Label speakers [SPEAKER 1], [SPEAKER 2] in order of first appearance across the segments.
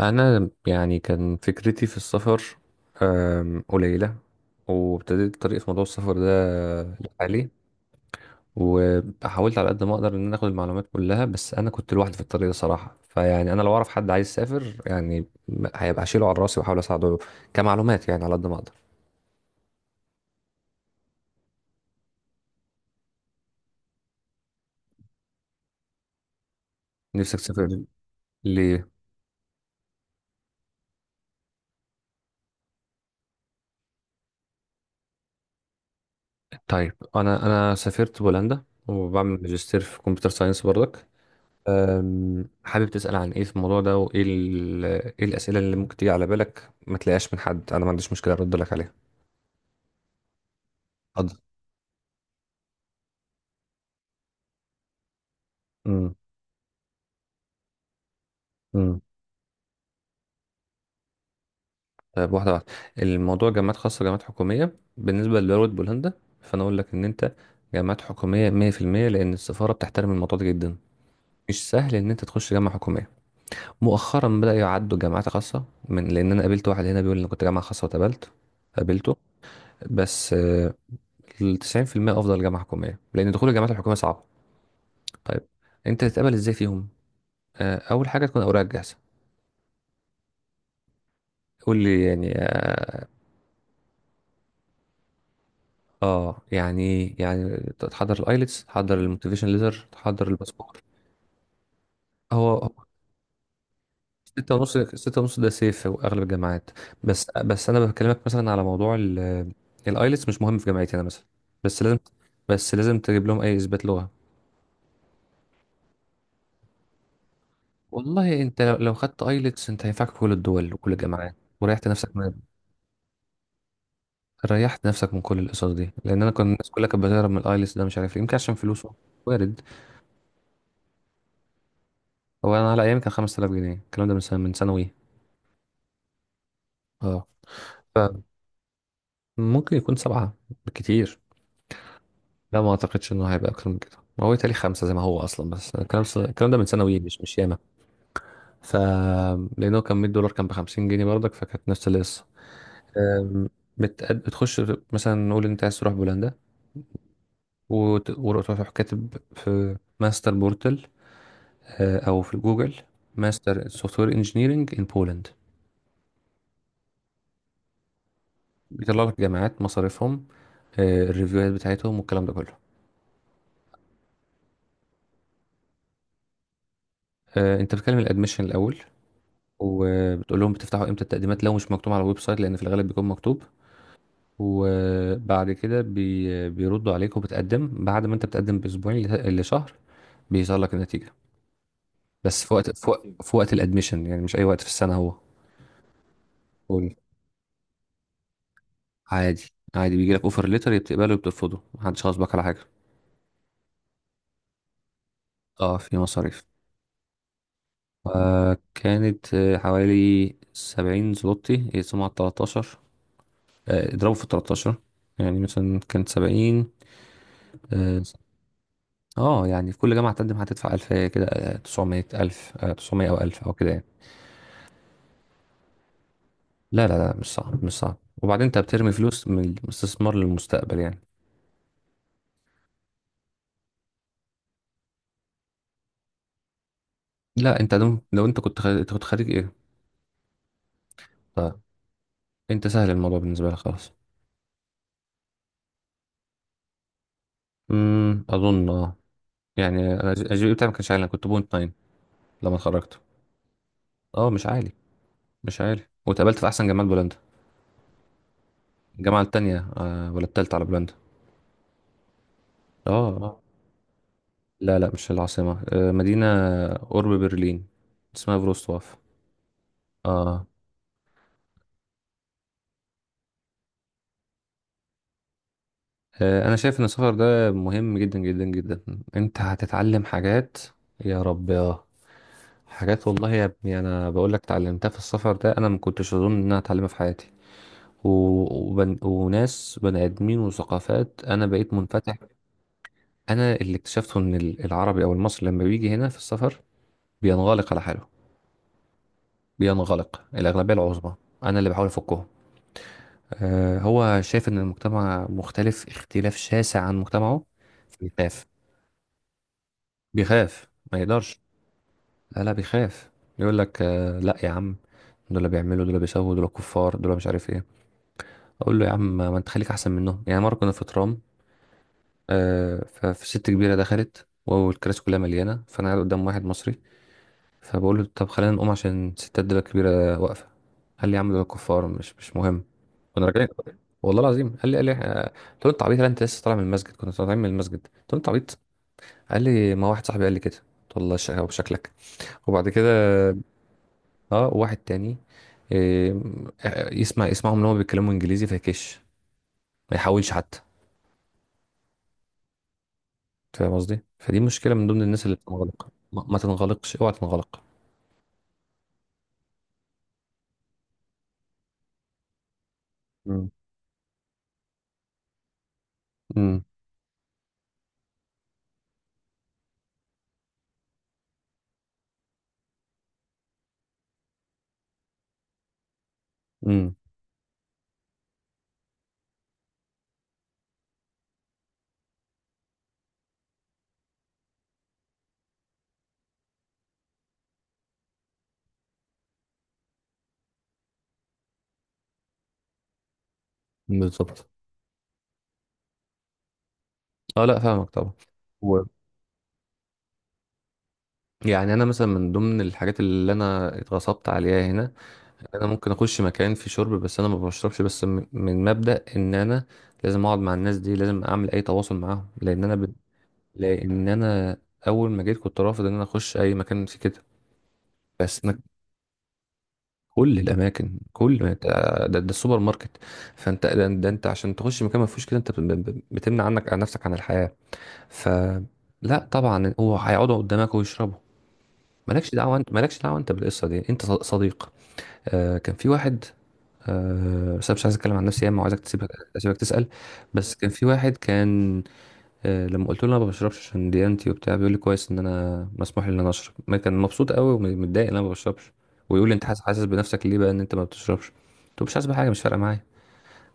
[SPEAKER 1] انا يعني كان فكرتي في السفر قليله. وابتديت طريقي في موضوع السفر ده لحالي. وحاولت على قد ما اقدر ان انا اخد المعلومات كلها، بس انا كنت لوحدي في الطريق ده صراحه. فيعني انا لو اعرف حد عايز يسافر يعني هيبقى هشيله على راسي واحاول اساعده كمعلومات، يعني على قد ما اقدر. نفسك تسافر؟ ليه؟ طيب، انا سافرت بولندا وبعمل ماجستير في كمبيوتر ساينس برضك. حابب تسأل عن ايه في الموضوع ده؟ وايه ايه الأسئلة اللي ممكن تيجي على بالك ما تلاقيهاش من حد؟ انا ما عنديش مشكلة ارد لك عليها. اتفضل. امم. امم. طيب، واحدة واحدة. الموضوع جامعات خاصة، جامعات حكومية بالنسبة لدولة بولندا. فأنا أقول لك إن أنت جامعات حكومية 100%، لأن السفارة بتحترم الموضوع ده جدا. مش سهل إن أنت تخش جامعة حكومية. مؤخرا بدأ يعدوا جامعات خاصة، من لأن أنا قابلت واحد هنا بيقول إن كنت جامعة خاصة واتقبلت، قابلته. بس التسعين في المية أفضل جامعة حكومية، لأن دخول الجامعات الحكومية صعب. طيب، انت تتقبل ازاي فيهم؟ اول حاجه تكون اوراقك جاهزه. قول لي يعني. اه يعني إيه؟ يعني تحضر الايلتس، تحضر الموتيفيشن ليتر، تحضر الباسبور. هو هو. 6.5 6.5 ده سيف في اغلب الجامعات. بس انا بكلمك مثلا على موضوع الايلتس مش مهم في جامعتي انا مثلا، بس لازم. بس لازم تجيب لهم اي اثبات لغه. والله انت لو خدت ايلتس انت هينفعك في كل الدول وكل الجامعات، وريحت نفسك. ريحت نفسك من كل القصص دي، لان انا كنت الناس كلها كانت بتهرب من الايلتس ده، مش عارف ليه، يمكن عشان فلوسه. وارد. هو انا على ايامي كان 5000 جنيه، الكلام ده من سنه، من ثانوي. اه. فممكن يكون سبعه، بالكتير. لا، ما اعتقدش انه هيبقى اكتر من كده، ما هو تالي خمسه زي ما هو اصلا. بس الكلام ده من ثانوي. مش ياما. ف لانه كان 100 دولار، كان ب 50 جنيه برضك، فكانت نفس القصه. أم، بتخش. مثلا نقول إن انت عايز تروح بولندا، وتروح كاتب في ماستر بورتل، او في جوجل: ماستر سوفت وير انجينيرنج ان بولند. بيطلع لك جامعات، مصاريفهم، الريفيوهات بتاعتهم والكلام ده كله. انت بتكلم الادميشن الاول، وبتقول لهم بتفتحوا امتى التقديمات لو مش مكتوب على الويب سايت، لان في الغالب بيكون مكتوب. وبعد كده بيردوا عليك. وبتقدم بعد ما انت بتقدم باسبوعين لشهر بيظهر لك النتيجه. بس في وقت الادميشن، يعني مش اي وقت في السنه هو. قول. عادي. عادي بيجي لك اوفر ليتر، بتقبله وبترفضه، محدش غصبك على حاجه. اه، في مصاريف. وكانت حوالي 70 زلوتي، يقسموا على 13، اضربوا في الـ13. يعني مثلا كانت 70. اه. يعني في كل جامعة تقدم هتدفع ألفاية كده، تسعمية ألف، تسعمية أو ألف أو كده يعني. لا، لا، لا، مش صعب، مش صعب. وبعدين أنت بترمي فلوس من الاستثمار للمستقبل يعني. لا، أنت لو أنت كنت خارج، أنت كنت خارج إيه؟ طيب، أنت سهل الموضوع بالنسبة لك خلاص. أظن. يعني أنا أجيب بتاعي ما كانش عالي، أنا كنت بوينت ناين لما اتخرجت. أه مش عالي. مش عارف. واتقابلت في احسن جامعه بولندا، الجامعه التانية آه ولا التالتة على بولندا. اه. آه. لا، لا، مش العاصمه، مدينه قرب برلين اسمها فروستواف. اه. انا شايف ان السفر ده مهم جدا جدا جدا. انت هتتعلم حاجات، يا رب. اه. حاجات والله يا ابني، انا بقول لك اتعلمتها في السفر ده، انا ما كنتش اظن ان انا هتعلمها في حياتي. و... وناس بني ادمين وثقافات، انا بقيت منفتح. انا اللي اكتشفته ان العربي او المصري لما بيجي هنا في السفر بينغلق على حاله. بينغلق الأغلبية العظمى. أنا اللي بحاول أفكهم. هو شايف إن المجتمع مختلف اختلاف شاسع عن مجتمعه. بيخاف. بيخاف ما يقدرش. لا، لا، بيخاف. يقول لك: آه لا يا عم، دول اللي بيعملوا، دول اللي بيسووا، دول كفار، دول مش عارف ايه. اقول له: يا عم ما انت خليك احسن منهم يعني. مره كنا في ترام. فست كبيره دخلت والكراسي كلها مليانه، فانا قاعد قدام واحد مصري. فبقول له: طب خلينا نقوم عشان الستات دول الكبيره واقفه. قال لي: يا عم دول كفار، مش مهم. كنا راجعين والله العظيم. قال لي قلت له: انت عبيط ولا انت لسه طالع من المسجد؟ كنا طالعين من المسجد. قلت له: انت عبيط. قال لي: ما واحد صاحبي قال لي كده. قلت له: الله يشقى بشكلك. وبعد كده اه، واحد تاني. آه، يسمعهم ان هم بيتكلموا انجليزي فيكش، ما يحاولش حتى. فاهم قصدي؟ فدي مشكله من ضمن الناس اللي بتنغلق. ما تنغلقش، اوعى تنغلق. مم. امم. امم. بالظبط. اه، لا، فاهمك طبعا. و... يعني انا مثلا من ضمن الحاجات اللي انا اتغصبت عليها هنا، انا ممكن اخش مكان في شرب، بس انا ما بشربش، بس من مبدأ ان انا لازم اقعد مع الناس دي، لازم اعمل اي تواصل معاهم. لان انا لان انا اول ما جيت كنت رافض ان انا اخش اي مكان في كده. بس انا كل الاماكن، كل ما ت- ده السوبر ماركت. فانت، ده انت عشان تخش مكان ما فيهوش كده، انت بتمنع عنك عن نفسك عن الحياة. ف لا طبعا، هو هيقعدوا قدامك ويشربوا. مالكش دعوه. انت مالكش دعوه انت بالقصه دي. انت صديق. كان في واحد. بس انا مش عايز اتكلم عن نفسي ياما، وعايزك تسيبك. اسيبك تسال. بس كان في واحد، كان. لما قلت له انا ما بشربش عشان ديانتي وبتاع، بيقول لي: كويس ان انا مسموح لي ان انا اشرب. ما كان مبسوط قوي، ومتضايق ان انا ما بشربش. ويقول لي: انت حاسس بنفسك ليه بقى ان انت ما بتشربش؟ قلت له: مش حاسس بحاجه، مش فارقه معايا.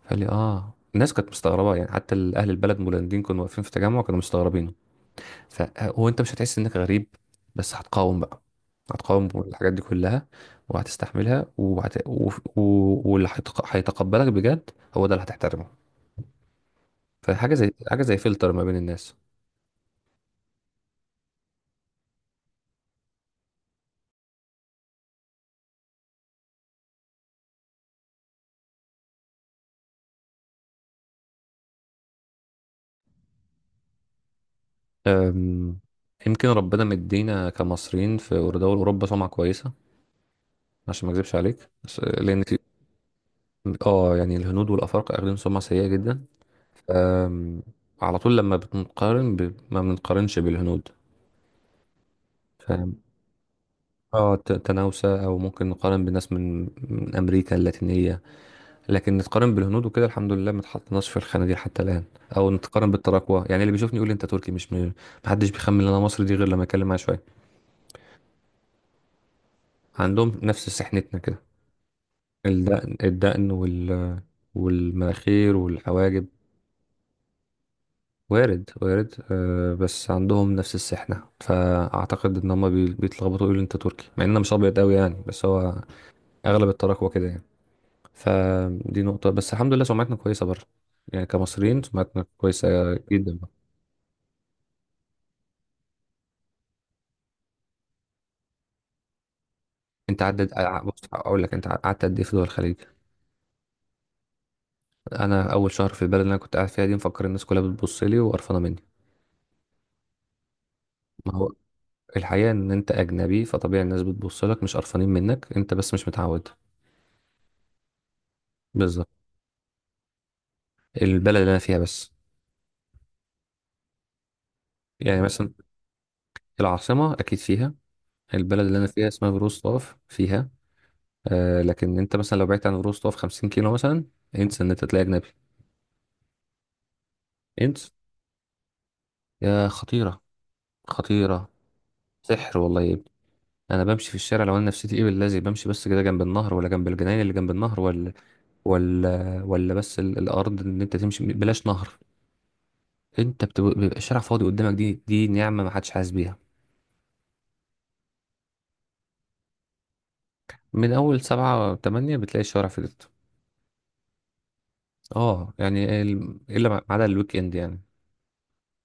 [SPEAKER 1] فقال لي: اه الناس كانت مستغربه يعني، حتى اهل البلد المولنديين كانوا واقفين في تجمع، كانوا مستغربين. فهو انت مش هتحس انك غريب، بس هتقاوم بقى. هتقاوم الحاجات دي كلها. وهتستحملها و... واللي هيتقبلك بجد، هو ده اللي هتحترمه. فحاجة زي فلتر ما بين الناس. أم... يمكن ربنا مدينا كمصريين في دول أوروبا سمعة كويسة. عشان ما اكذبش عليك اه، يعني الهنود والأفارقة أخدين سمعة سيئة جدا. أم... على طول لما بنقارن ما بنقارنش بالهنود. اه، تناوسة، او ممكن نقارن بناس من امريكا اللاتينية. لكن نتقارن بالهنود وكده، الحمد لله ما اتحطناش في الخانة دي حتى الان. او نتقارن بالتراكوة يعني. اللي بيشوفني يقول لي انت تركي، مش محدش بيخمن ان انا مصري دي، غير لما اتكلم معاه شوية. عندهم نفس سحنتنا كده، الدقن والمناخير والحواجب. وارد، وارد. بس عندهم نفس السحنة، فاعتقد ان هم بيتلخبطوا، يقولوا انت تركي، مع ان انا مش ابيض قوي يعني. بس هو اغلب التراكوة كده يعني. فدي نقطة. بس الحمد لله سمعتنا كويسة بره، يعني كمصريين سمعتنا كويسة جدا بره. بص اقول لك، انت قعدت قد ايه في دول الخليج؟ انا اول شهر في البلد اللي انا كنت قاعد فيها دي، مفكر الناس كلها بتبص لي وقرفانة مني. ما هو الحقيقة ان انت اجنبي، فطبيعي الناس بتبص لك، مش قرفانين منك انت، بس مش متعود. بالظبط. البلد اللي انا فيها بس. يعني مثلا العاصمة اكيد فيها. البلد اللي انا فيها اسمها فيروزلاف فيها. لكن انت مثلا لو بعدت عن فيروزلاف 50 كيلو مثلا، انسى ان انت تلاقي اجنبي. انسى. يا خطيرة، خطيرة. سحر والله يا ابني. أنا بمشي في الشارع، لو أنا نفسيتي إيه بالذي، بمشي بس كده جنب النهر ولا جنب الجناين اللي جنب النهر، ولا بس الأرض، إن أنت تمشي بلاش نهر. أنت بيبقى الشارع فاضي قدامك، دي نعمة ما حدش حاسس بيها. من أول سبعة تمانية بتلاقي الشارع فضيت. أه يعني إلا ما عدا الويك إند يعني.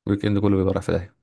[SPEAKER 1] الويك إند كله بيبقى رايح في داهية.